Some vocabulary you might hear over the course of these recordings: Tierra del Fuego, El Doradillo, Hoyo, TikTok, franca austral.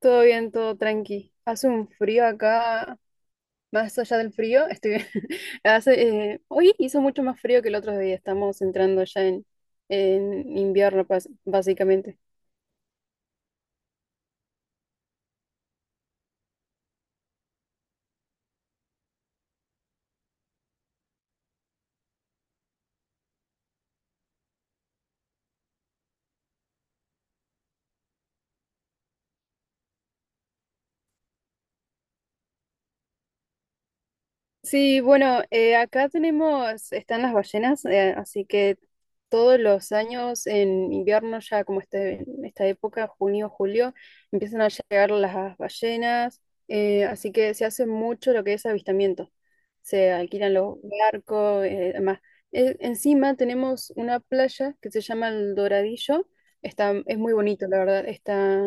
Todo bien, todo tranqui. Hace un frío acá, más allá del frío, estoy bien. Hace, hoy hizo mucho más frío que el otro día, estamos entrando ya en invierno, básicamente. Sí, bueno, acá tenemos, están las ballenas, así que todos los años en invierno, ya como este, en esta época, junio, julio, empiezan a llegar las ballenas, así que se hace mucho lo que es avistamiento. Se alquilan los barcos, además. Encima tenemos una playa que se llama El Doradillo, está, es muy bonito, la verdad, está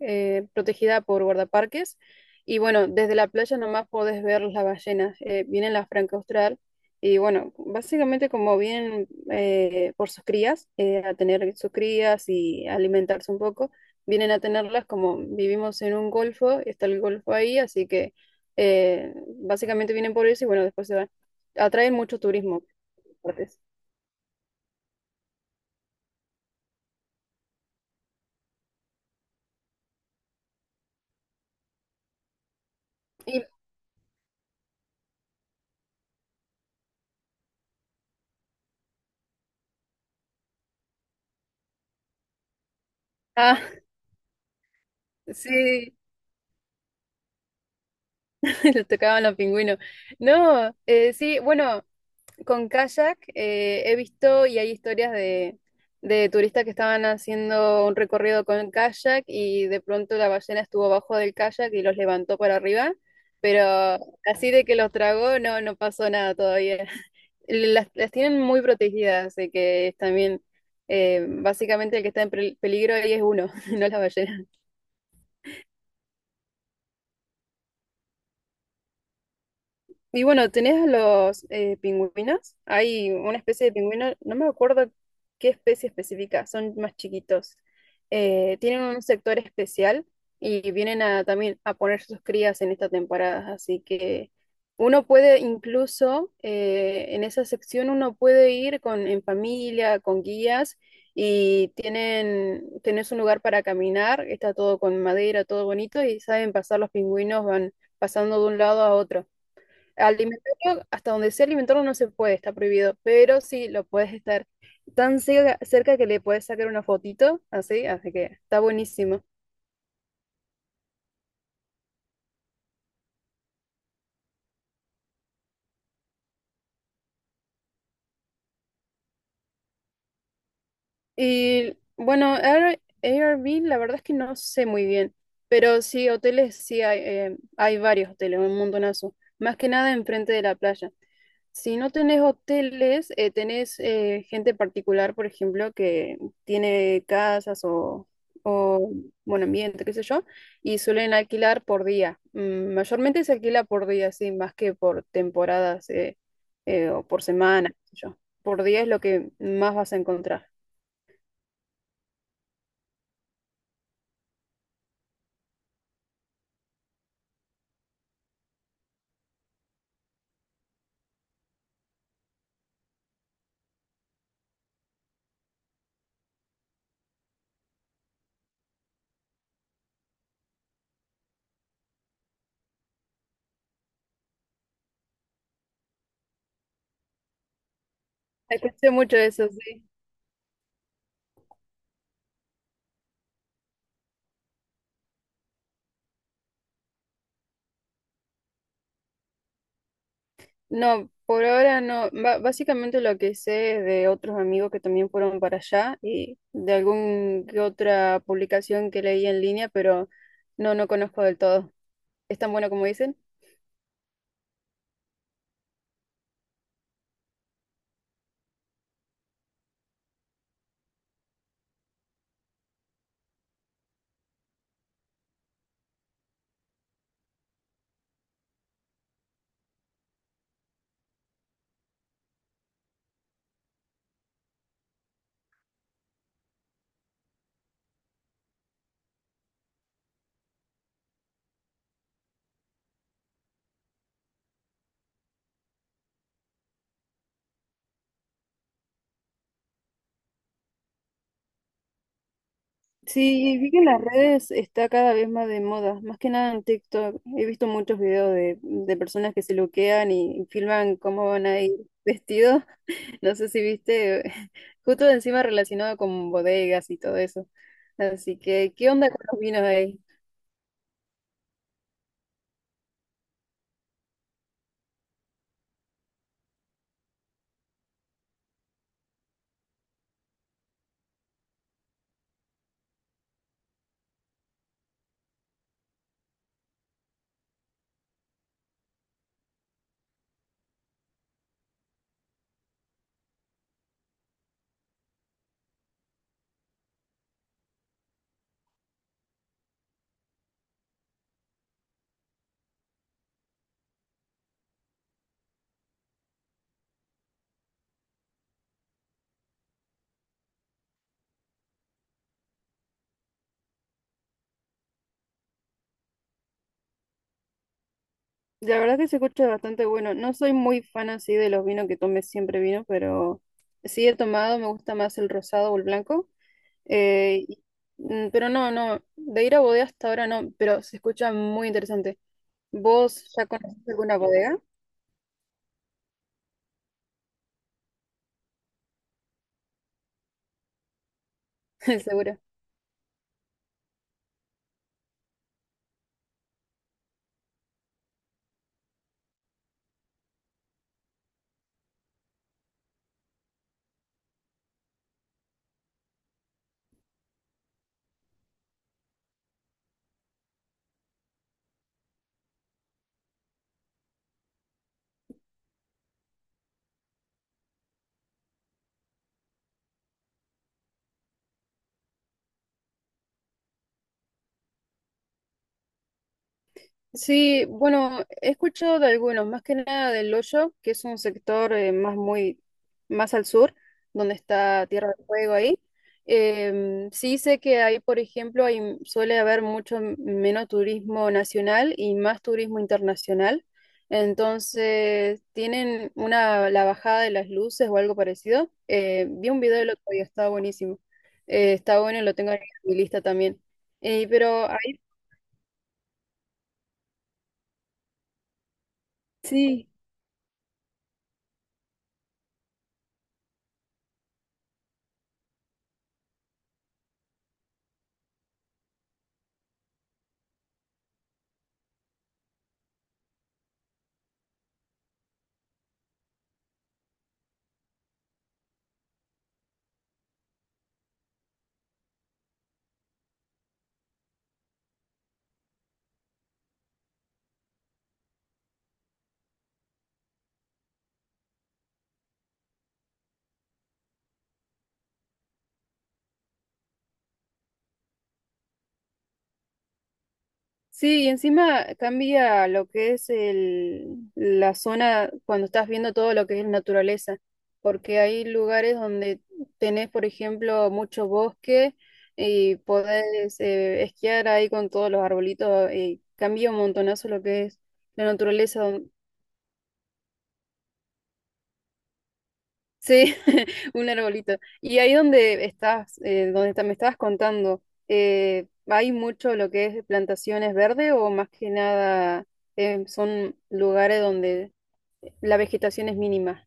protegida por guardaparques. Y bueno, desde la playa nomás podés ver las ballenas, vienen las franca austral y bueno, básicamente como vienen por sus crías, a tener sus crías y alimentarse un poco, vienen a tenerlas como vivimos en un golfo, está el golfo ahí, así que básicamente vienen por eso y bueno, después se van. Atraen mucho turismo. Aparte. Y, ah, sí, le tocaban los pingüinos. No, sí, bueno. Con kayak he visto y hay historias de turistas que estaban haciendo un recorrido con kayak y de pronto la ballena estuvo abajo del kayak y los levantó para arriba, pero así de que los tragó no, no pasó nada todavía. Las tienen muy protegidas, así que es también básicamente el que está en peligro ahí es uno, no la ballena. Y bueno, tenés a los pingüinos. Hay una especie de pingüino, no me acuerdo qué especie específica, son más chiquitos. Tienen un sector especial y vienen a, también a poner sus crías en esta temporada. Así que uno puede incluso, en esa sección uno puede ir con, en familia, con guías y tienen, tenés un lugar para caminar. Está todo con madera, todo bonito y saben pasar los pingüinos, van pasando de un lado a otro. Alimentario, hasta donde sea alimentario no se puede, está prohibido, pero sí lo puedes estar tan cerca, cerca que le puedes sacar una fotito, así, así que está buenísimo. Y bueno, Airbnb, la verdad es que no sé muy bien, pero sí, hoteles, sí hay, hay varios hoteles, un montonazo, más que nada enfrente de la playa. Si no tenés hoteles, tenés gente particular, por ejemplo, que tiene casas o buen ambiente, qué sé yo, y suelen alquilar por día. Mayormente se alquila por día, sí, más que por temporadas o por semana, qué sé yo. Por día es lo que más vas a encontrar. Escuché mucho eso, sí. No, por ahora no. Ba- básicamente lo que sé es de otros amigos que también fueron para allá y de algún que otra publicación que leí en línea, pero no, no conozco del todo. ¿Es tan bueno como dicen? Sí, vi que en las redes está cada vez más de moda, más que nada en TikTok. He visto muchos videos de personas que se loquean y filman cómo van a ir vestidos. No sé si viste, justo encima relacionado con bodegas y todo eso. Así que, ¿qué onda con los vinos ahí? La verdad que se escucha bastante bueno. No soy muy fan así de los vinos que tome siempre vino, pero sí he tomado, me gusta más el rosado o el blanco. Eh, y- pero no, no, de ir a bodega hasta ahora no, pero se escucha muy interesante. ¿Vos ya conoces alguna bodega? Seguro. Sí, bueno, he escuchado de algunos, más que nada del Hoyo, que es un sector más muy más al sur, donde está Tierra del Fuego ahí. Sí sé que ahí, por ejemplo, hay, suele haber mucho menos turismo nacional y más turismo internacional. Entonces, tienen una la bajada de las luces o algo parecido. Vi un video el otro día, estaba buenísimo. Está bueno, lo tengo en mi lista también. Pero ahí sí. Sí, y encima cambia lo que es el, la zona cuando estás viendo todo lo que es naturaleza, porque hay lugares donde tenés, por ejemplo, mucho bosque y podés esquiar ahí con todos los arbolitos, y cambia un montonazo lo que es la naturaleza. Sí, un arbolito. Y ahí donde estás, donde me estabas contando, ¿hay mucho lo que es plantaciones verdes o más que nada son lugares donde la vegetación es mínima?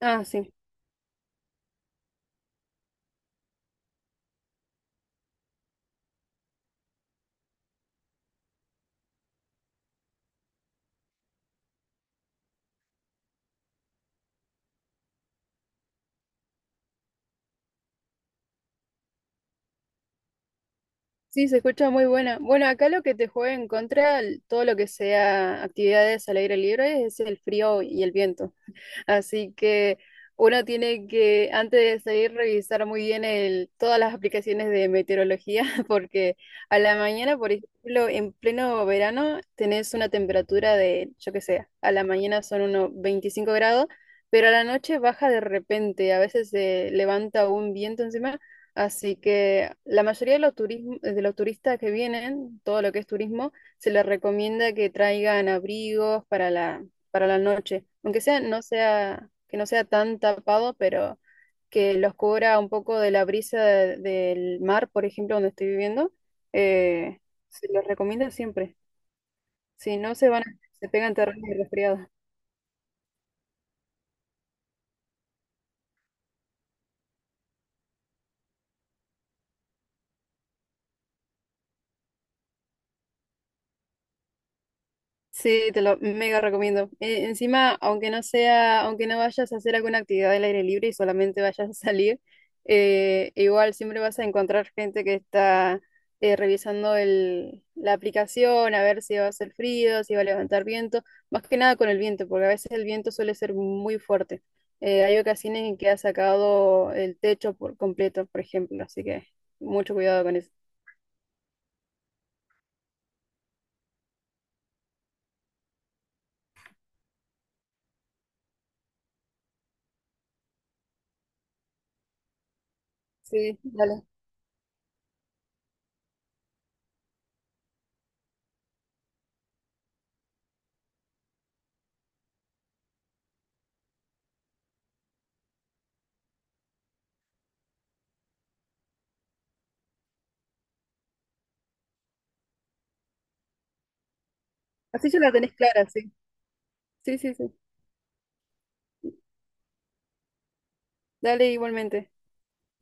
Ah, sí. Sí, se escucha muy buena. Bueno, acá lo que te juega en contra, l- todo lo que sea actividades al aire libre, es el frío y el viento. Así que uno tiene que, antes de salir, revisar muy bien el, todas las aplicaciones de meteorología, porque a la mañana, por ejemplo, en pleno verano, tenés una temperatura de, yo qué sé, a la mañana son unos 25 grados, pero a la noche baja de repente, a veces se levanta un viento encima. Así que la mayoría de los de los turistas que vienen, todo lo que es turismo, se les recomienda que traigan abrigos para la noche, aunque sea, no sea, que no sea tan tapado, pero que los cubra un poco de la brisa del mar, por ejemplo, donde estoy viviendo, eh, se los recomiendo siempre. Si no se van, se pegan terrenos de resfriado. Sí, te lo mega recomiendo. Encima, aunque no sea, aunque no vayas a hacer alguna actividad al aire libre y solamente vayas a salir, igual siempre vas a encontrar gente que está revisando el, la aplicación a ver si va a hacer frío, si va a levantar viento, más que nada con el viento, porque a veces el viento suele ser muy fuerte. Hay ocasiones en que ha sacado el techo por completo, por ejemplo, así que mucho cuidado con eso. Sí, dale. Así ya la tenés clara, sí. Sí, sí, sí. Dale igualmente.